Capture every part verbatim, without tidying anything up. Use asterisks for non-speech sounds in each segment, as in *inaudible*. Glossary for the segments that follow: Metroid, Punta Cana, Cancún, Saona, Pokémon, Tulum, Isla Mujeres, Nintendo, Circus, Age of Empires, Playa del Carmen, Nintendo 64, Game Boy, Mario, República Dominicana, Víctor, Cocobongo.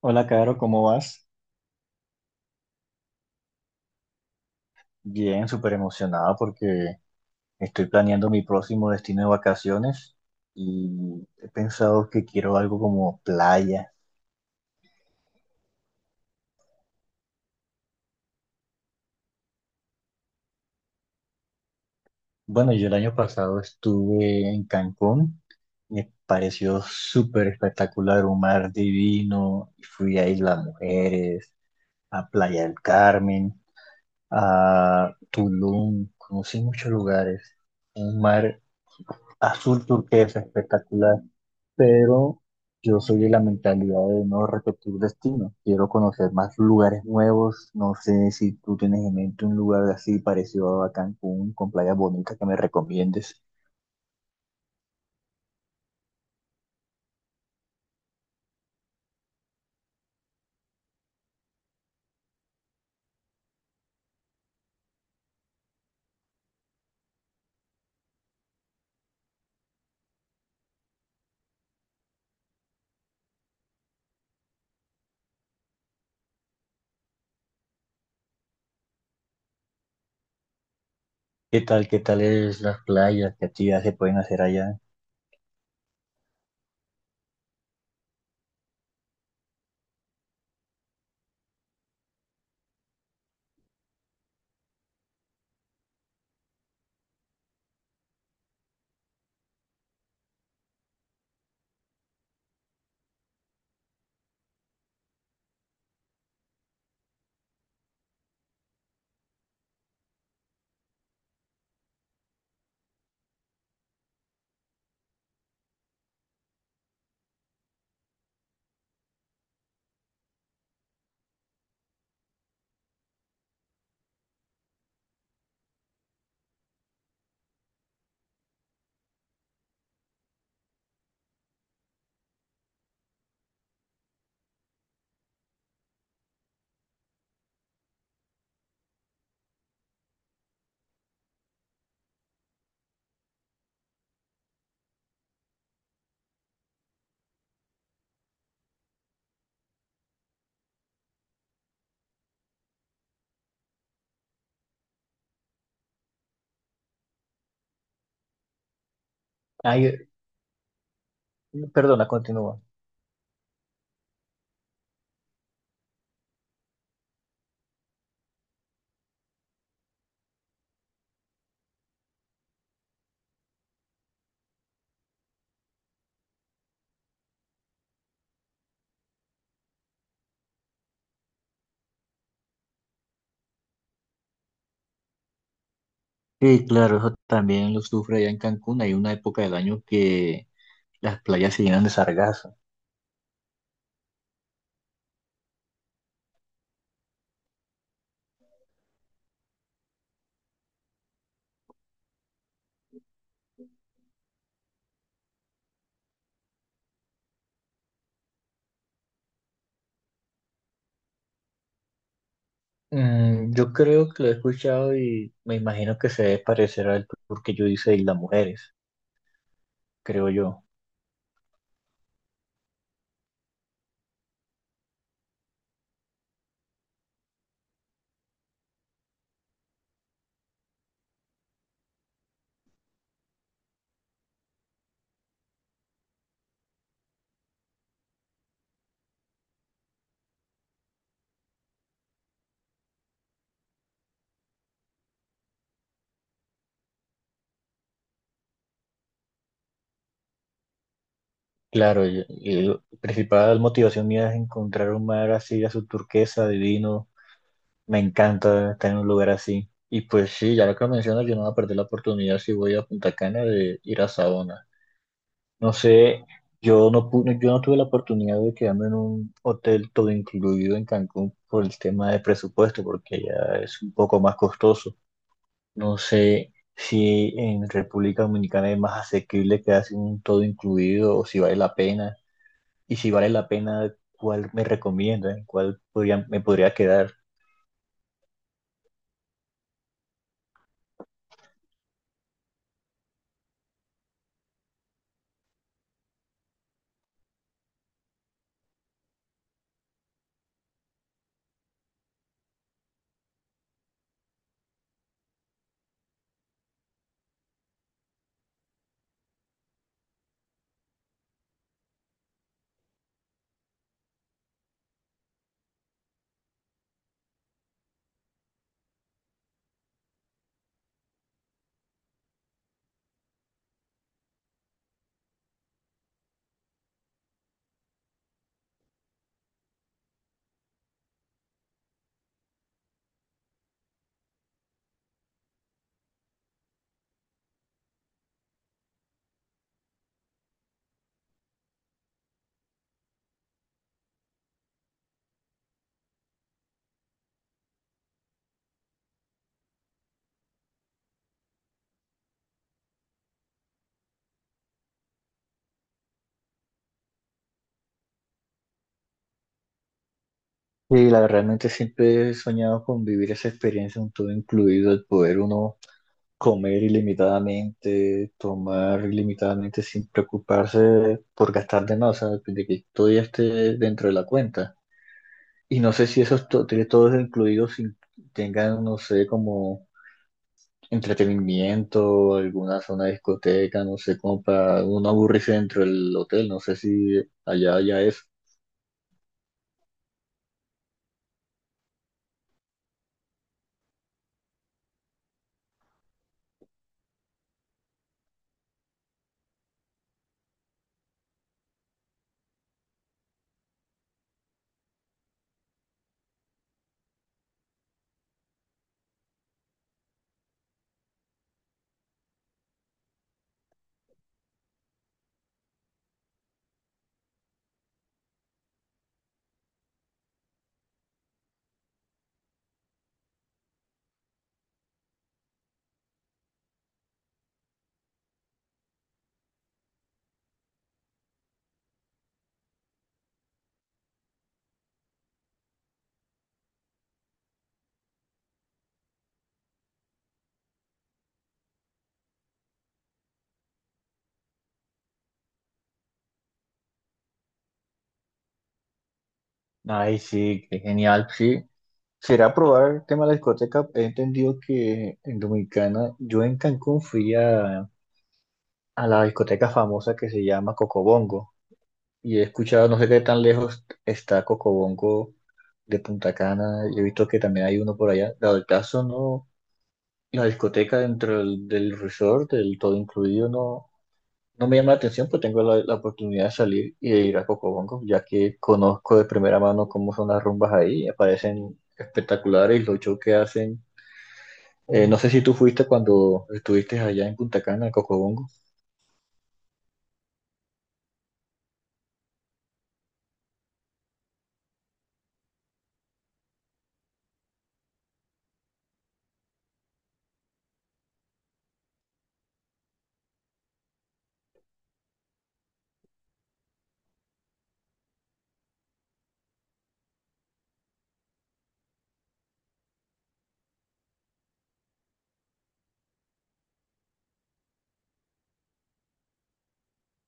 Hola, Caro, ¿cómo vas? Bien, súper emocionada porque estoy planeando mi próximo destino de vacaciones y he pensado que quiero algo como playa. Bueno, yo el año pasado estuve en Cancún, me pareció súper espectacular, un mar divino, fui a Isla Mujeres, a Playa del Carmen, a Tulum, conocí muchos lugares, un mar azul turquesa espectacular. Pero yo soy de la mentalidad de no repetir destino. Quiero conocer más lugares nuevos. No sé si tú tienes en mente un lugar así parecido a Cancún, con playas bonitas que me recomiendes. ¿Qué tal, qué tal es las playas? ¿Qué actividades se pueden hacer allá? Ay, perdona, continúa. Sí, claro, eso también lo sufre allá en Cancún. Hay una época del año que las playas se llenan de sargazo. Mm, yo creo que lo he escuchado y me imagino que se debe parecer al tour que yo hice de Islas Mujeres. Creo yo. Claro, y- y la principal motivación mía es encontrar un mar así, azul turquesa, divino. Me encanta estar en un lugar así. Y pues sí, ya lo que mencionas, yo no voy a perder la oportunidad si voy a Punta Cana de ir a Saona. No sé, yo no pude, yo no tuve la oportunidad de quedarme en un hotel todo incluido en Cancún por el tema de presupuesto, porque ya es un poco más costoso. No sé si en República Dominicana es más asequible quedarse en un todo incluido o si vale la pena. Y si vale la pena, cuál me recomiendan, cuál podría, me podría quedar. Y la verdad, realmente siempre he soñado con vivir esa experiencia, un todo incluido, el poder uno comer ilimitadamente, tomar ilimitadamente sin preocuparse por gastar de más, o sea, de que todo ya esté dentro de la cuenta. Y no sé si esos to- tiene todos incluidos sin- tengan, no sé, como entretenimiento, alguna zona de discoteca, no sé, como para uno aburrirse dentro del hotel, no sé si allá ya es. Ay, sí, qué genial, sí. Será probar el tema de la discoteca. He entendido que en Dominicana, yo en Cancún fui a, a la discoteca famosa que se llama Cocobongo, y he escuchado, no sé qué tan lejos está Cocobongo de Punta Cana, y he visto que también hay uno por allá. Dado el caso, no, la discoteca dentro del, del resort, del todo incluido, no no me llama la atención, pero tengo la, la oportunidad de salir y de ir a Cocobongo, ya que conozco de primera mano cómo son las rumbas ahí, me parecen espectaculares y los shows que hacen. Eh, no sé si tú fuiste cuando estuviste allá en Punta Cana, en Cocobongo.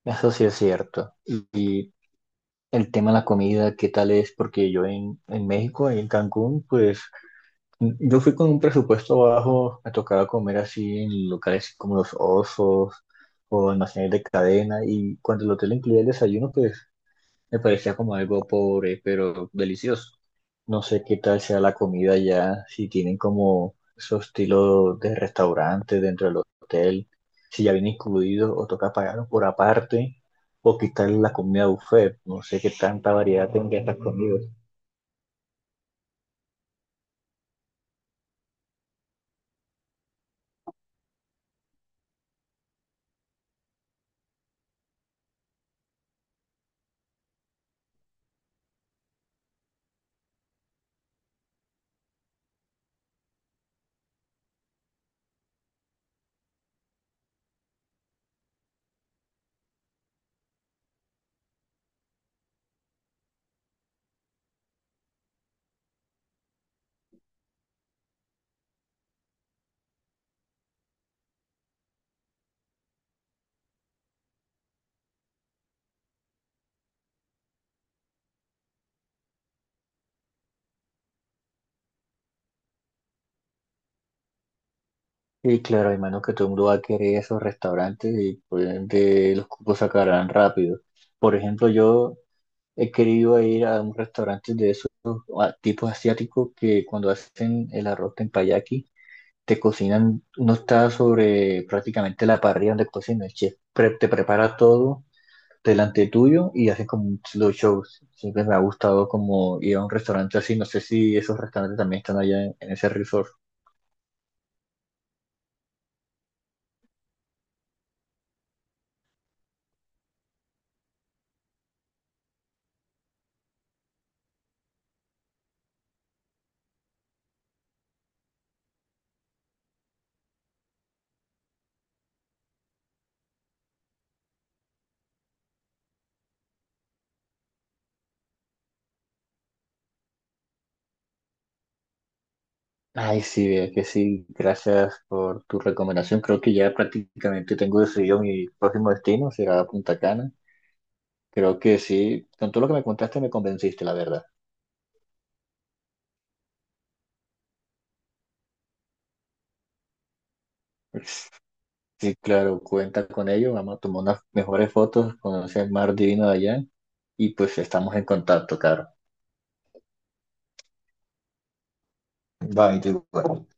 Eso sí es cierto. Y, y el tema de la comida, ¿qué tal es? Porque yo en, en México, en Cancún, pues yo fui con un presupuesto bajo, me tocaba comer así en locales como los osos o almacenes de cadena y cuando el hotel incluía el desayuno, pues me parecía como algo pobre, pero delicioso. No sé qué tal sea la comida ya, si tienen como esos estilos de restaurante dentro del hotel, si ya viene incluido o toca pagarlo por aparte, o quitar la comida buffet. No sé qué tanta variedad tenga estas comidas. Y claro, hermano, que todo el mundo va a querer esos restaurantes y por ende los cupos sacarán rápido. Por ejemplo, yo he querido ir a un restaurante de esos a- tipos asiáticos que cuando hacen el arroz tempayaki te cocinan, no está sobre prácticamente la parrilla donde cocina el chef, pre- te prepara todo delante tuyo y hacen como un slow show. Siempre me ha gustado como ir a un restaurante así, no sé si esos restaurantes también están allá en, en ese resort. Ay, sí, vea que sí, gracias por tu recomendación. Creo que ya prácticamente tengo decidido mi próximo destino, será Punta Cana. Creo que sí, con todo lo que me contaste me convenciste, la verdad. *laughs* Sí, claro, cuenta con ello, vamos a tomar unas mejores fotos, conocer el mar divino de allá y pues estamos en contacto, Caro. Bye, te-